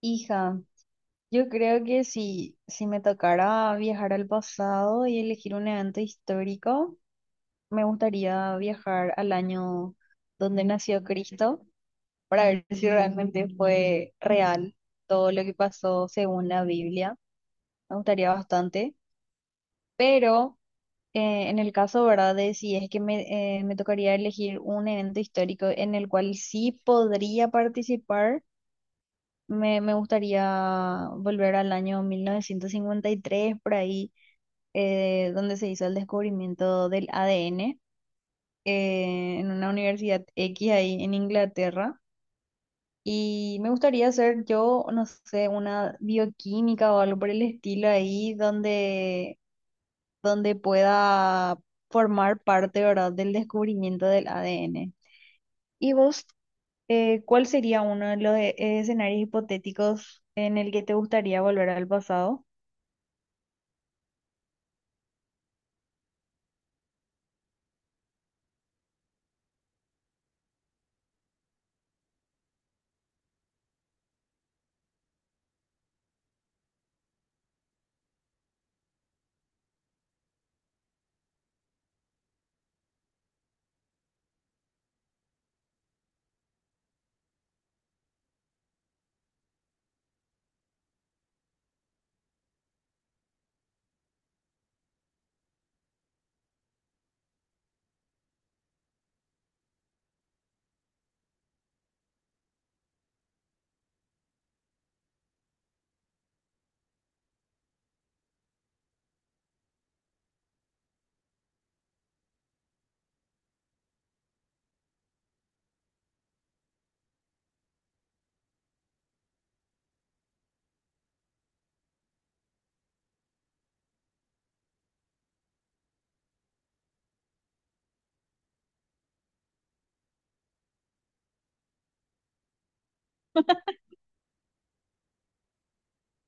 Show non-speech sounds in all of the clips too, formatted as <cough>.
Hija, yo creo que si me tocara viajar al pasado y elegir un evento histórico, me gustaría viajar al año donde nació Cristo para ver si realmente fue real todo lo que pasó según la Biblia. Me gustaría bastante, pero en el caso, ¿verdad? De si es que me tocaría elegir un evento histórico en el cual sí podría participar. Me gustaría volver al año 1953, por ahí, donde se hizo el descubrimiento del ADN, en una universidad X ahí en Inglaterra. Y me gustaría hacer yo, no sé, una bioquímica o algo por el estilo ahí, donde pueda formar parte, ¿verdad?, del descubrimiento del ADN. ¿Y vos, cuál sería uno de los escenarios hipotéticos en el que te gustaría volver al pasado?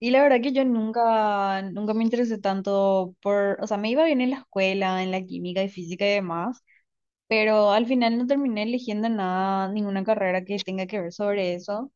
Y la verdad que yo nunca, nunca me interesé tanto por, o sea, me iba bien en la escuela, en la química y física y demás, pero al final no terminé eligiendo nada, ninguna carrera que tenga que ver sobre eso.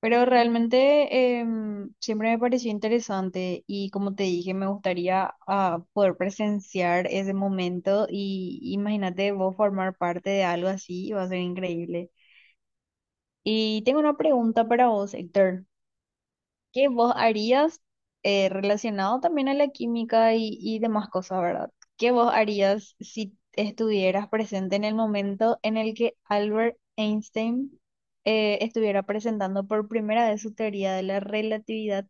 Pero realmente siempre me pareció interesante y como te dije, me gustaría poder presenciar ese momento y imagínate vos formar parte de algo así, va a ser increíble. Y tengo una pregunta para vos, Héctor. ¿Qué vos harías relacionado también a la química y, demás cosas, ¿verdad? ¿Qué vos harías si estuvieras presente en el momento en el que Albert Einstein estuviera presentando por primera vez su teoría de la relatividad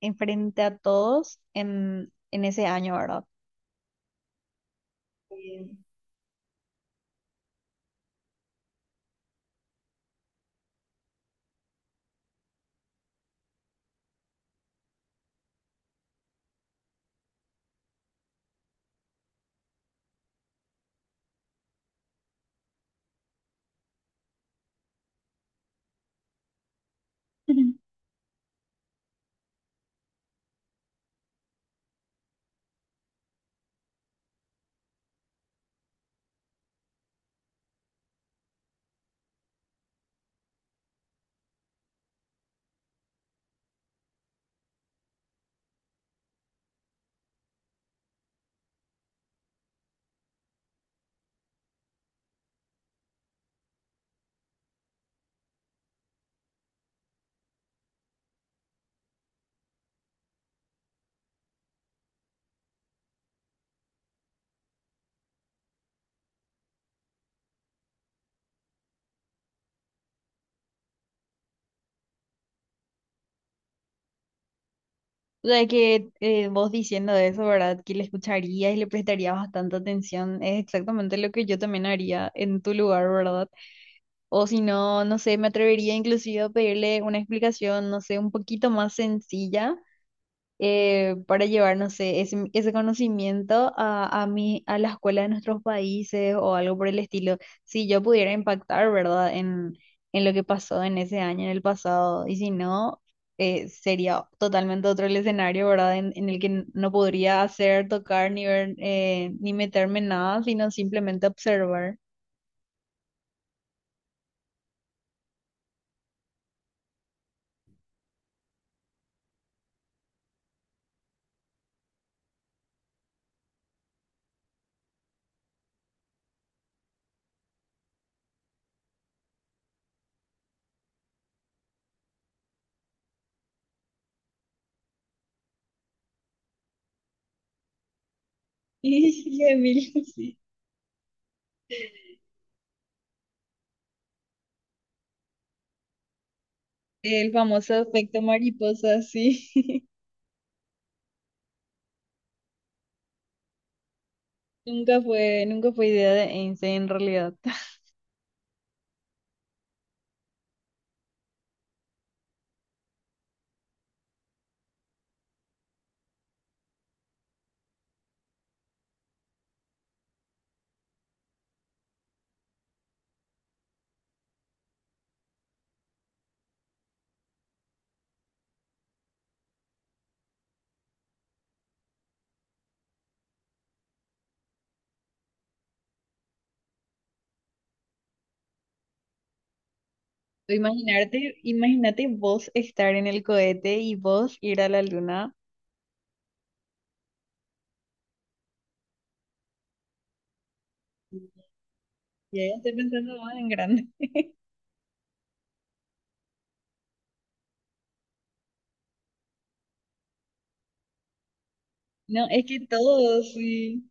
en frente a todos en ese año, ¿verdad? Eh, Ujú. <laughs> O sea que vos diciendo eso, ¿verdad? Que le escucharías y le prestarías bastante atención, es exactamente lo que yo también haría en tu lugar, ¿verdad? O si no, no sé, me atrevería inclusive a pedirle una explicación, no sé, un poquito más sencilla para llevar, no sé, ese conocimiento a la escuela de nuestros países o algo por el estilo. Si yo pudiera impactar, ¿verdad? En lo que pasó en ese año, en el pasado. Y si no, sería totalmente otro el escenario, ¿verdad? En el que no podría hacer, tocar, ni ver, ni meterme en nada, sino simplemente observar. <laughs> Y Emilio, sí. El famoso efecto mariposa, sí. <laughs> Nunca fue idea de Einstein en realidad. <laughs> Imagínate vos estar en el cohete y vos ir a la luna. Ya ya estoy pensando más en grande. <laughs> No, es que todos, sí.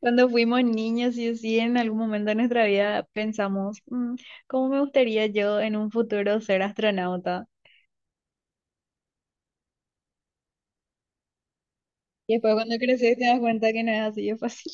Cuando fuimos niños, y sí, en algún momento de nuestra vida pensamos, "Mm, ¿cómo me gustaría yo en un futuro ser astronauta?" Y después cuando creces te das cuenta que no es así de fácil.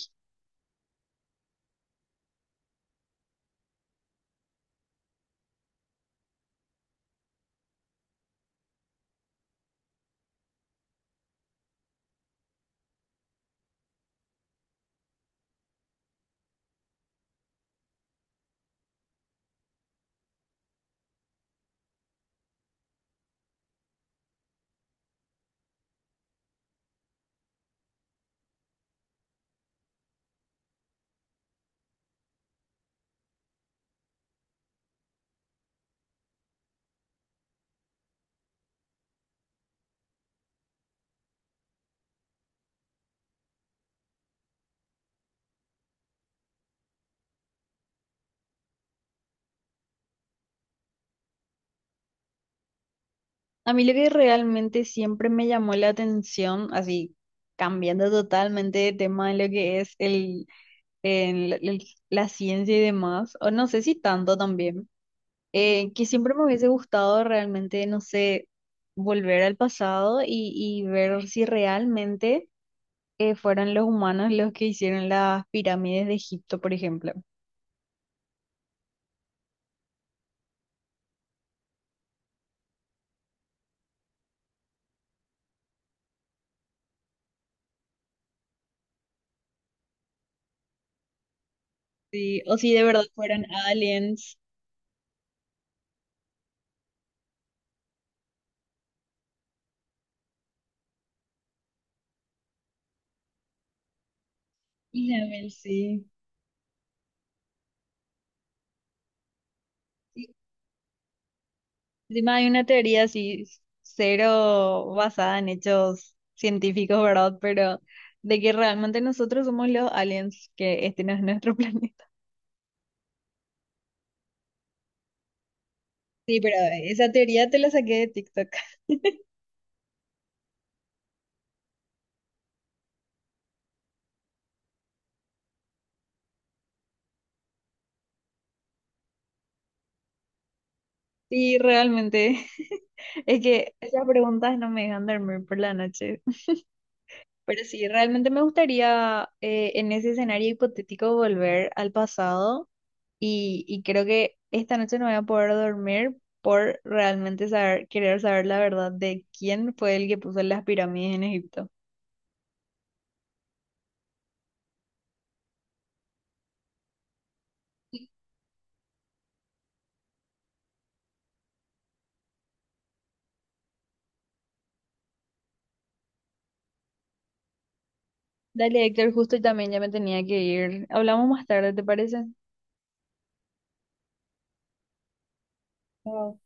A mí lo que realmente siempre me llamó la atención, así cambiando totalmente de tema de lo que es el- el- la ciencia y demás, o no sé si tanto también, que siempre me hubiese gustado realmente, no sé, volver al pasado y, ver si realmente fueron los humanos los que hicieron las pirámides de Egipto, por ejemplo. Sí, o si de verdad fueron aliens. Isabel, sí. Encima hay una teoría así, cero basada en hechos científicos, ¿verdad? Pero de que realmente nosotros somos los aliens, que este no es nuestro <laughs> planeta. Sí, pero esa teoría te la saqué de TikTok. Sí, realmente. <laughs> Es que esas preguntas no me dejan dormir por la noche. Pero sí, realmente me gustaría en ese escenario hipotético volver al pasado. Y creo que esta noche no voy a poder dormir por realmente querer saber la verdad de quién fue el que puso las pirámides en Egipto. Dale, Héctor, justo y también ya me tenía que ir. Hablamos más tarde, ¿te parece? Chao.